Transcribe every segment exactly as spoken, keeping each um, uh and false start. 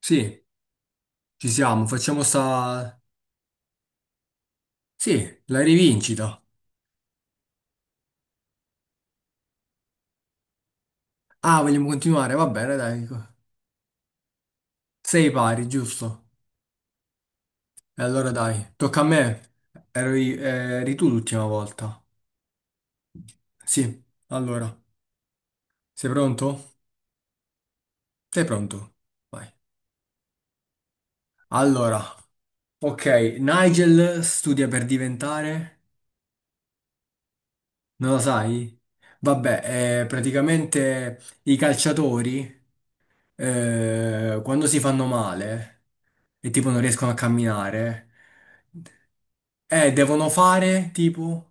Sì, ci siamo, facciamo sta... Sì, la rivincita. Ah, vogliamo continuare? Va bene, dai. Co- Sei pari, giusto? E allora dai, tocca a me. Ero i- eh, eri tu l'ultima volta. Sì, allora. Sei pronto? Sei pronto? Vai. Allora, ok, Nigel studia per diventare... Non lo sai? Vabbè, eh, praticamente i calciatori eh, quando si fanno male e tipo non riescono a camminare, eh, devono fare tipo...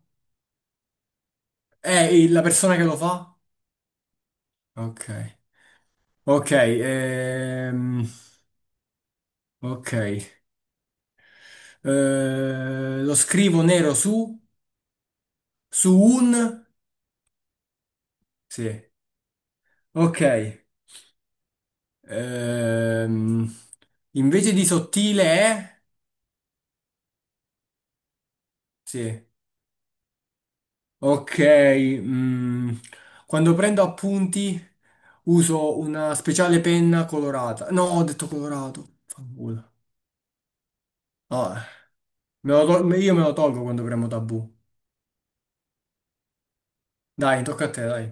Eh, il- la persona che lo fa? Ok. Ok, ehm, ok. Eh, lo scrivo nero su... Su un... Sì. Ok. Ehm, invece di sottile è... Sì. Ok, mm, quando prendo appunti uso una speciale penna colorata. No, ho detto colorato. Fanculo. No, eh. Me lo tol- io me lo tolgo quando premo tabù. Dai, tocca a te, dai.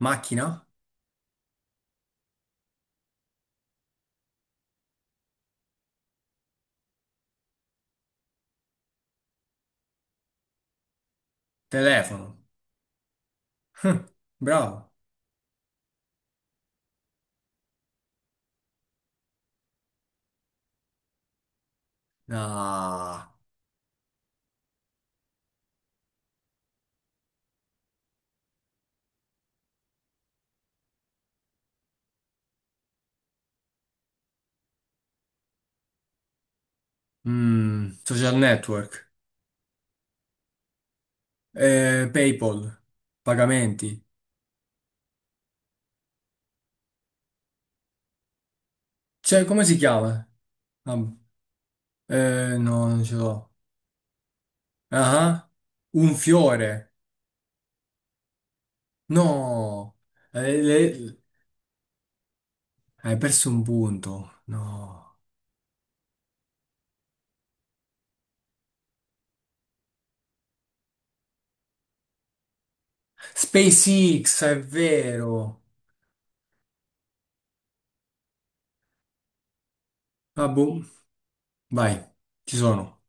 Macchina? Telefono. Hm, bravo. Ah. Mm, social network. Eh, PayPal. Pagamenti. Cioè, come si chiama? Ah, eh, no, non ce l'ho. Ah, un fiore. No, eh, le- hai perso un punto. No. SpaceX, è vero. Ah, boh. Vai, ci sono.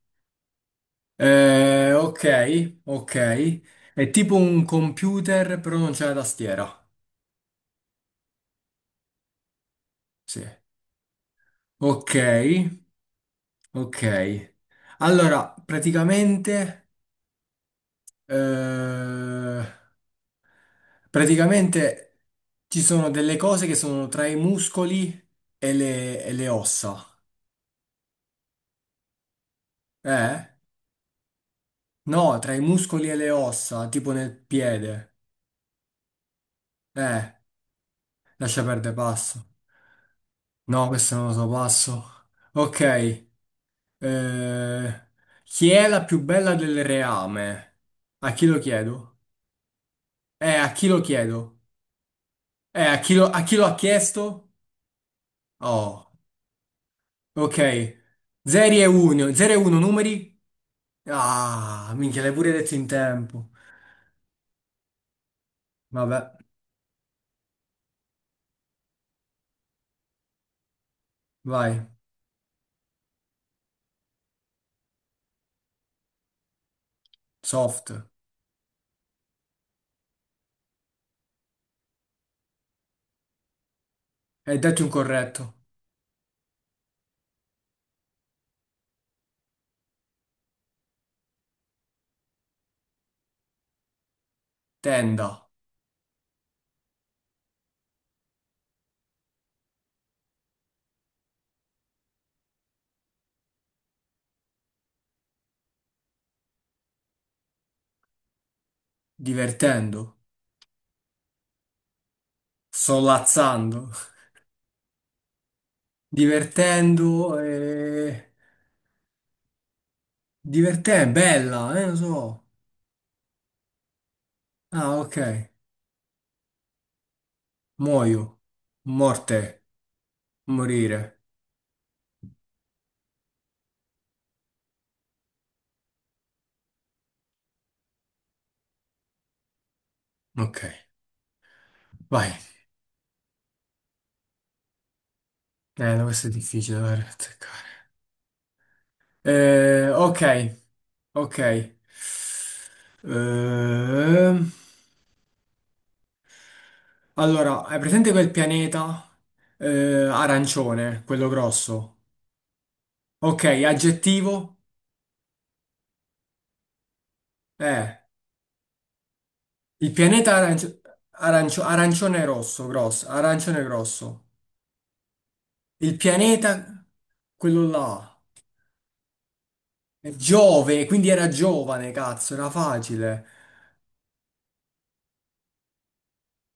Eh, ok, ok. È tipo un computer, però non c'è la tastiera. Sì. Ok, ok. Allora, praticamente, eh, praticamente ci sono delle cose che sono tra i muscoli e le, e le ossa. Eh? No, tra i muscoli e le ossa, tipo nel piede. Eh, lascia perdere passo. No, questo non lo so, passo. Ok. Eh, chi è la più bella del reame? A chi lo chiedo? Eh, a chi lo chiedo? Eh, a chi lo, a chi lo ha chiesto? Oh, ok. zero e uno, zero e uno numeri? Ah, minchia, l'hai pure detto in tempo. Vabbè, vai. Soft. Hai detto incorretto. Tenda. Divertendo, solazzando, divertendo e... Divertente, bella, eh, lo so. Ah, ok. Muoio. Morte. Morire. Ok. Vai. Eh, no, questo è difficile da azzeccare. Eh, ok, ok. Ehm, allora, hai presente quel pianeta eh, arancione, quello grosso? Ok, aggettivo? Eh. Il pianeta arancio- arancio- arancione rosso, grosso, arancione grosso. Il pianeta, quello là, è Giove, quindi era giovane, cazzo, era facile.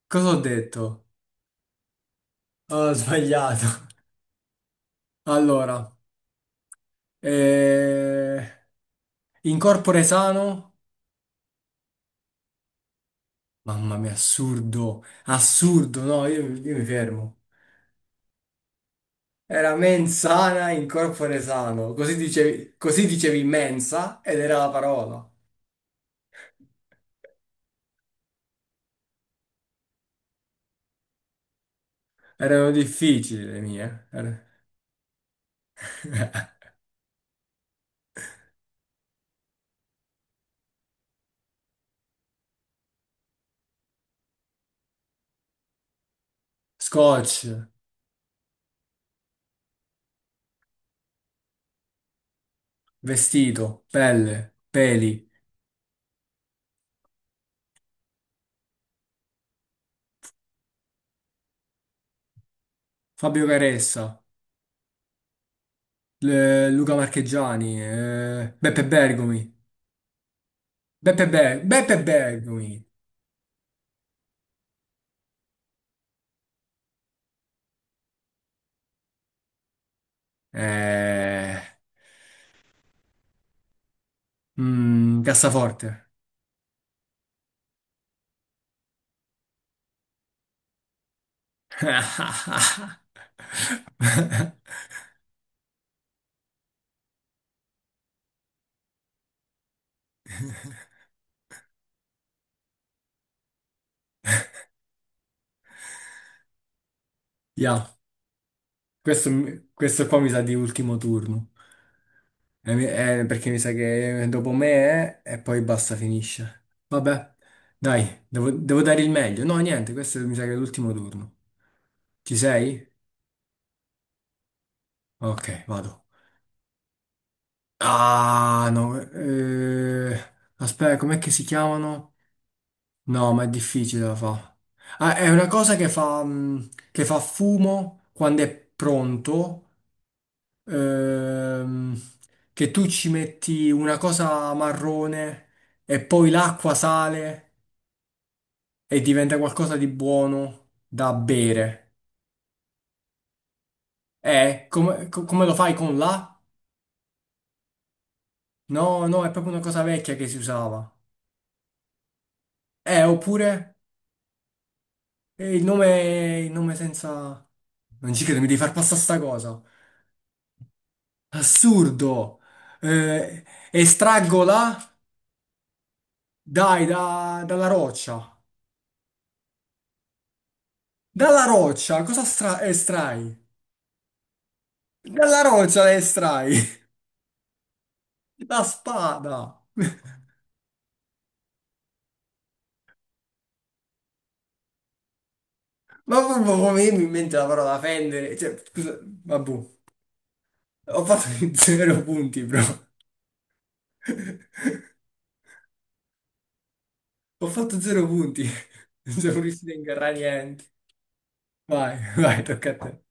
Cosa ho detto? Ah, ho sbagliato. Allora, eh, incorpore sano? Mamma mia, assurdo, assurdo, no, io, io mi fermo. Era mensana, incorpore sano, così dicevi, così dicevi mensa ed era la parola. Erano difficili le mie. Era- Scotch, vestito, pelle, peli, Fabio Caressa, le- Luca Marchegiani, eh, Beppe Bergomi, Beppe, Be- Beppe Bergomi, eh, mm, cassaforte. Ya, questo, mi- questo qua mi sa di ultimo turno. Eh, mi- eh, perché mi sa che dopo me è, e poi basta, finisce. Vabbè, dai, devo, devo dare il meglio. No, niente, questo mi sa che è l'ultimo turno. Ci sei? Ok, vado. Ah, no. Eh, aspetta, com'è che si chiamano? No, ma è difficile da fa. Ah, è una cosa che fa, mm, che fa fumo quando è pronto ehm, che tu ci metti una cosa marrone e poi l'acqua sale e diventa qualcosa di buono da bere. Eh, come, co- come lo fai con la? No, no, è proprio una cosa vecchia che si usava. Eh, oppure eh, il nome, il nome senza... Non ci credo, mi devi far passare sta cosa. Assurdo! Eh, estraggo la... Dai, da- dalla roccia. Dalla roccia, cosa stra- eh, estrai? Dalla roccia la estrai, la spada. Ma proprio come mi in mente la parola fendere, cioè, scusa, vabbè, ho fatto zero punti, bro. Ho fatto zero punti, non sono riuscito a ingarrare niente. Vai, vai, tocca a te.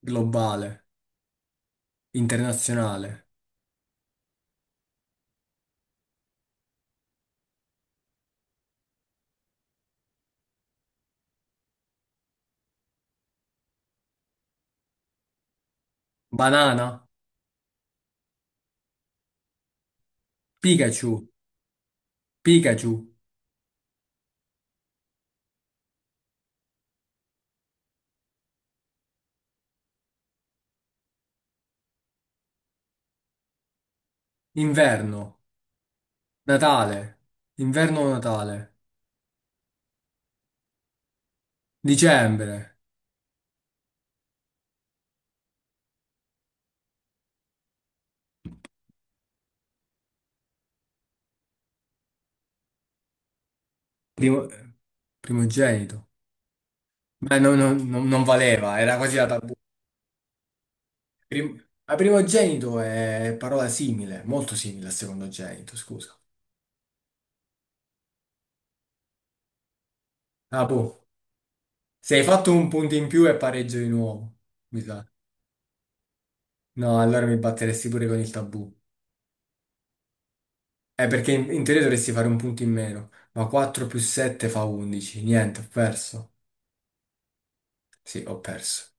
Globale, internazionale, banana, Pikachu, Pikachu, inverno, Natale, inverno-Natale, dicembre, primo, primogenito. Beh, no- no- no- non valeva, era quasi la tabù. Prim- a primogenito è parola simile, molto simile al secondogenito, scusa. Ah, boh. Se hai fatto un punto in più è pareggio di nuovo, mi sa. No, allora mi batteresti pure con il tabù. Eh, perché in, in teoria dovresti fare un punto in meno, ma quattro più sette fa undici. Niente, ho perso. Sì, ho perso.